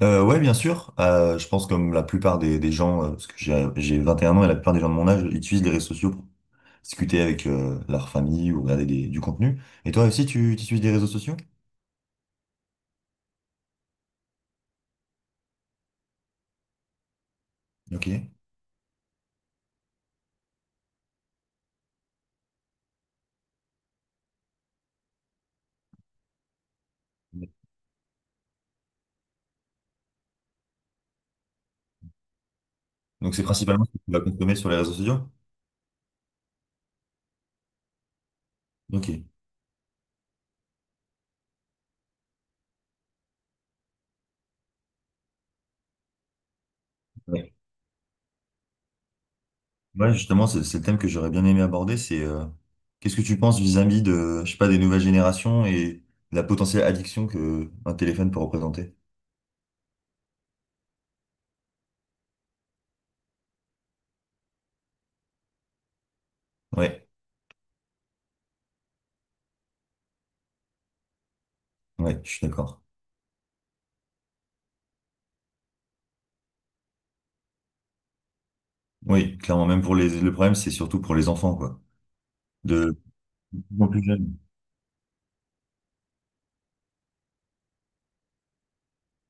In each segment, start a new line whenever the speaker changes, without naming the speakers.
Ouais, bien sûr. Je pense comme la plupart des gens, parce que j'ai 21 ans et la plupart des gens de mon âge utilisent les réseaux sociaux pour discuter avec leur famille ou regarder du contenu. Et toi aussi, tu utilises des réseaux sociaux? Ok. Donc c'est principalement ce que tu vas consommer sur les réseaux sociaux? Ok. Ouais, ouais, justement, c'est le thème que j'aurais bien aimé aborder, c'est qu'est-ce que tu penses vis-à-vis de, je sais pas, des nouvelles générations et de la potentielle addiction que un téléphone peut représenter? Ouais, ouais, je suis d'accord. Oui, clairement, même pour le problème, c'est surtout pour les enfants, quoi. De plus en plus jeunes.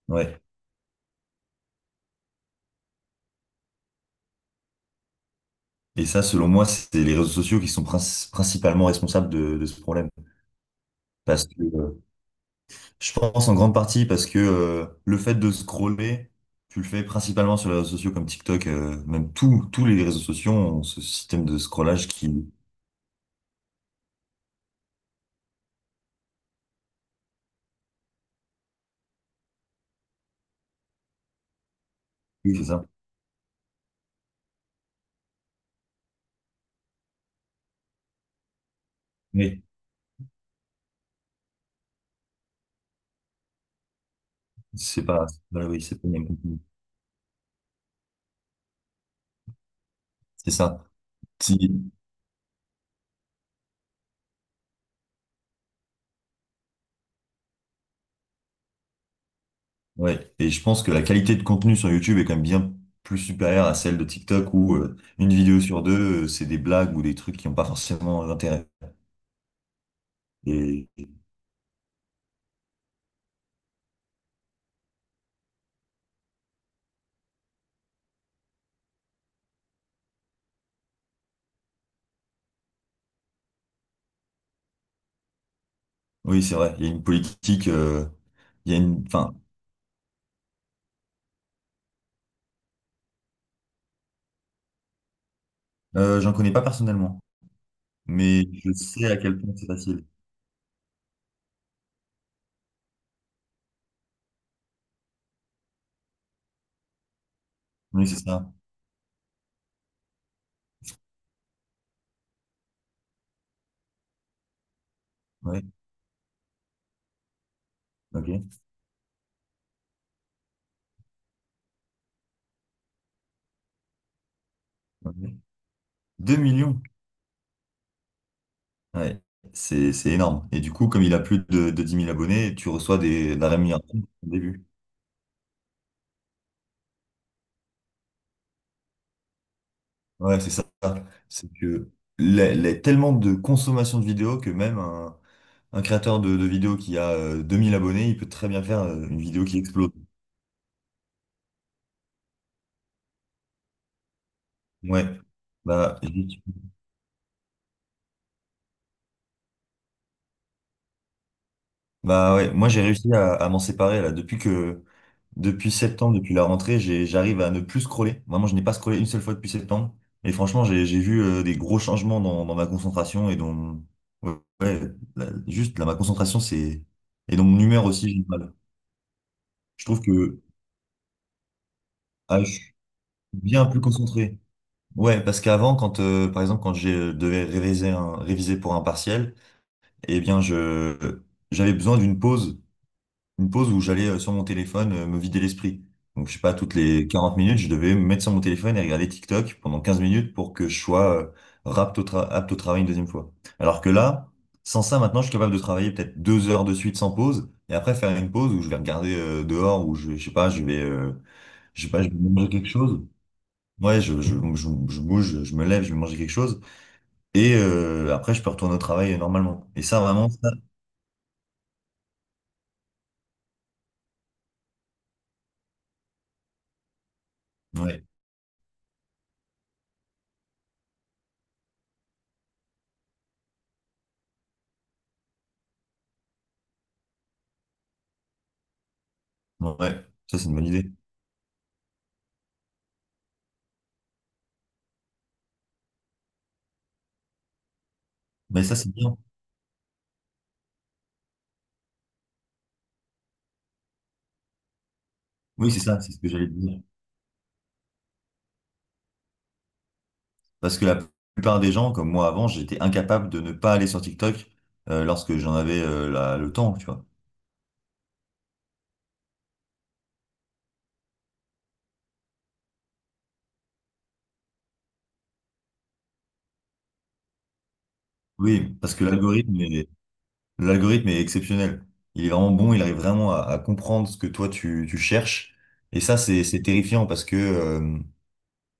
Ouais. Et ça, selon moi, c'est les réseaux sociaux qui sont principalement responsables de ce problème. Parce que je pense en grande partie parce que le fait de scroller, tu le fais principalement sur les réseaux sociaux comme TikTok, même tous les réseaux sociaux ont ce système de scrollage qui. Oui. C'est ça. Oui. C'est pas. Voilà, oui, c'est pas même compagnie. C'est ça. Si. Ouais, et je pense que la qualité de contenu sur YouTube est quand même bien plus supérieure à celle de TikTok où une vidéo sur deux, c'est des blagues ou des trucs qui n'ont pas forcément d'intérêt. Et et- oui, c'est vrai, il y a une politique, il y a une, enfin, j'en connais pas personnellement, mais je sais à quel point c'est facile. Oui, c'est ça. Ouais, ok. Ok. 2 millions. Ouais, c'est énorme. Et du coup, comme il a plus de 10 000 abonnés, tu reçois des, de la rémunération au début. Ouais, c'est ça. C'est que tellement de consommation de vidéos que même un créateur de vidéos qui a 2000 abonnés, il peut très bien faire une vidéo qui explose. Ouais. Bah, j'y- Bah ouais, moi j'ai réussi à m'en séparer là. Depuis septembre, depuis la rentrée, j'arrive à ne plus scroller. Vraiment, je n'ai pas scrollé une seule fois depuis septembre. Et franchement, j'ai vu des gros changements dans ma concentration et dans ouais, ouais, juste là, ma concentration, c'est et dans mon humeur aussi, j'ai du mal. Je trouve que ah, bien plus concentré. Ouais, parce qu'avant, quand par exemple quand je devais réviser pour un partiel, eh bien je j'avais besoin d'une pause, une pause où j'allais sur mon téléphone me vider l'esprit. Donc je sais pas, toutes les 40 minutes, je devais me mettre sur mon téléphone et regarder TikTok pendant 15 minutes pour que je sois apte au travail une deuxième fois. Alors que là, sans ça, maintenant, je suis capable de travailler peut-être 2 heures de suite sans pause et après faire une pause où je vais regarder dehors, où je sais pas, je vais je sais pas, je vais manger quelque chose. Ouais, donc je bouge, je me lève, je vais manger quelque chose. Et après, je peux retourner au travail normalement. Et ça, vraiment, ça, ouais, ouais, ça, c'est une bonne idée. Mais ça, c'est bien. Oui, c'est ça, c'est ce que j'allais te dire. Parce que la plupart des gens, comme moi avant, j'étais incapable de ne pas aller sur TikTok lorsque j'en avais le temps, tu vois. Oui, parce que l'algorithme est exceptionnel. Il est vraiment bon, il arrive vraiment à comprendre ce que toi, tu cherches. Et ça, c'est terrifiant parce que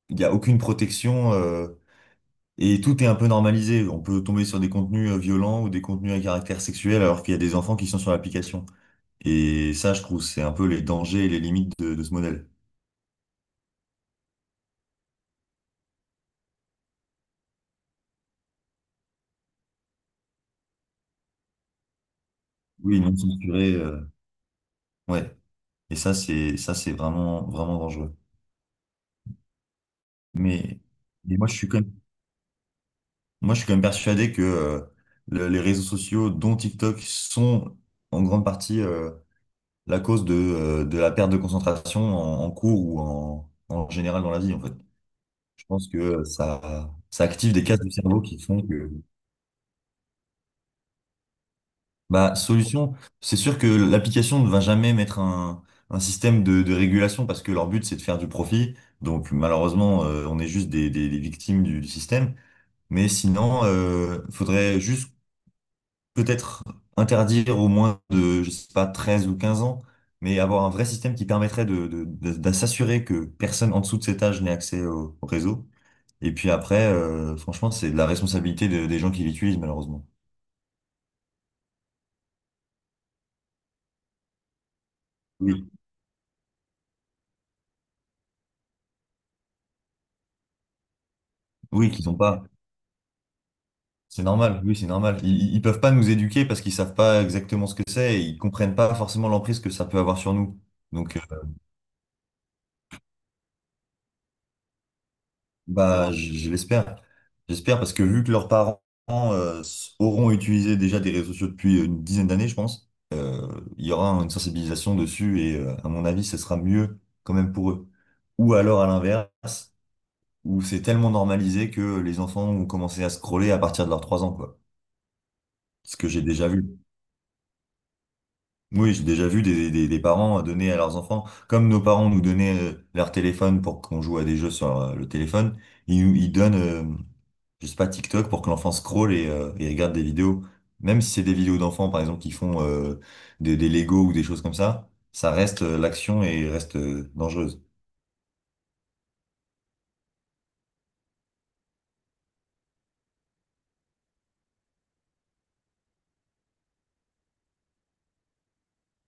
il n'y a aucune protection. Et tout est un peu normalisé. On peut tomber sur des contenus violents ou des contenus à caractère sexuel alors qu'il y a des enfants qui sont sur l'application. Et ça, je trouve, c'est un peu les dangers et les limites de ce modèle. Oui, non censuré, ouais. Et ça, c'est vraiment vraiment dangereux. Mais, mais moi, je suis quand même, moi, je suis quand même persuadé que les réseaux sociaux, dont TikTok, sont en grande partie la cause de la perte de concentration en cours ou en général dans la vie, en fait. Je pense que ça active des cases du cerveau qui font que, bah, solution, c'est sûr que l'application ne va jamais mettre un système de régulation parce que leur but, c'est de faire du profit. Donc, malheureusement, on est juste des victimes du système. Mais sinon, faudrait juste peut-être interdire au moins de, je sais pas, 13 ou 15 ans, mais avoir un vrai système qui permettrait de s'assurer que personne en dessous de cet âge n'ait accès au réseau. Et puis après, franchement, c'est de la responsabilité des gens qui l'utilisent, malheureusement. Oui. Oui, qu'ils n'ont pas. C'est normal, oui, c'est normal. Ils peuvent pas nous éduquer parce qu'ils savent pas exactement ce que c'est et ils comprennent pas forcément l'emprise que ça peut avoir sur nous. Donc, bah, je l'espère. J'espère parce que vu que leurs parents auront utilisé déjà des réseaux sociaux depuis une dizaine d'années, je pense, il y aura une sensibilisation dessus et à mon avis, ce sera mieux quand même pour eux. Ou alors à l'inverse. Où c'est tellement normalisé que les enfants ont commencé à scroller à partir de leurs 3 ans, quoi. Ce que j'ai déjà vu. Oui, j'ai déjà vu des parents donner à leurs enfants, comme nos parents nous donnaient leur téléphone pour qu'on joue à des jeux sur le téléphone, ils donnent, je sais pas, TikTok pour que l'enfant scrolle et regarde des vidéos. Même si c'est des vidéos d'enfants, par exemple, qui font des Lego ou des choses comme ça reste, l'action et reste dangereuse.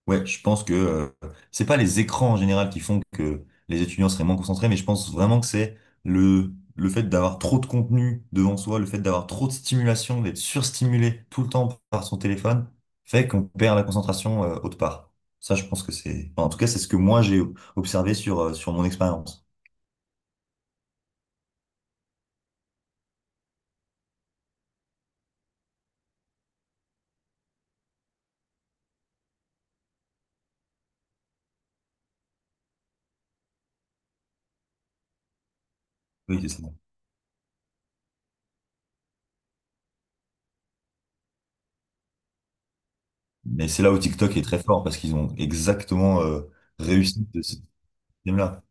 Ouais, je pense que c'est pas les écrans en général qui font que les étudiants seraient moins concentrés, mais je pense vraiment que c'est le fait d'avoir trop de contenu devant soi, le fait d'avoir trop de stimulation, d'être surstimulé tout le temps par son téléphone, fait qu'on perd la concentration autre part. Ça, je pense que c'est, enfin, en tout cas, c'est ce que moi j'ai observé sur sur mon expérience. Oui, c'est ça. Mais c'est là où TikTok est très fort parce qu'ils ont exactement réussi de ce système-là.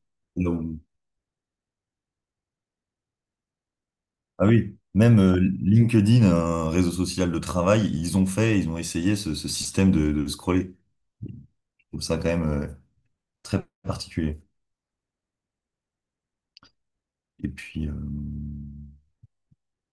Ah oui, même LinkedIn, un réseau social de travail, ils ont fait, ils ont essayé ce système de scroller. Je trouve ça quand même très particulier. Et puis,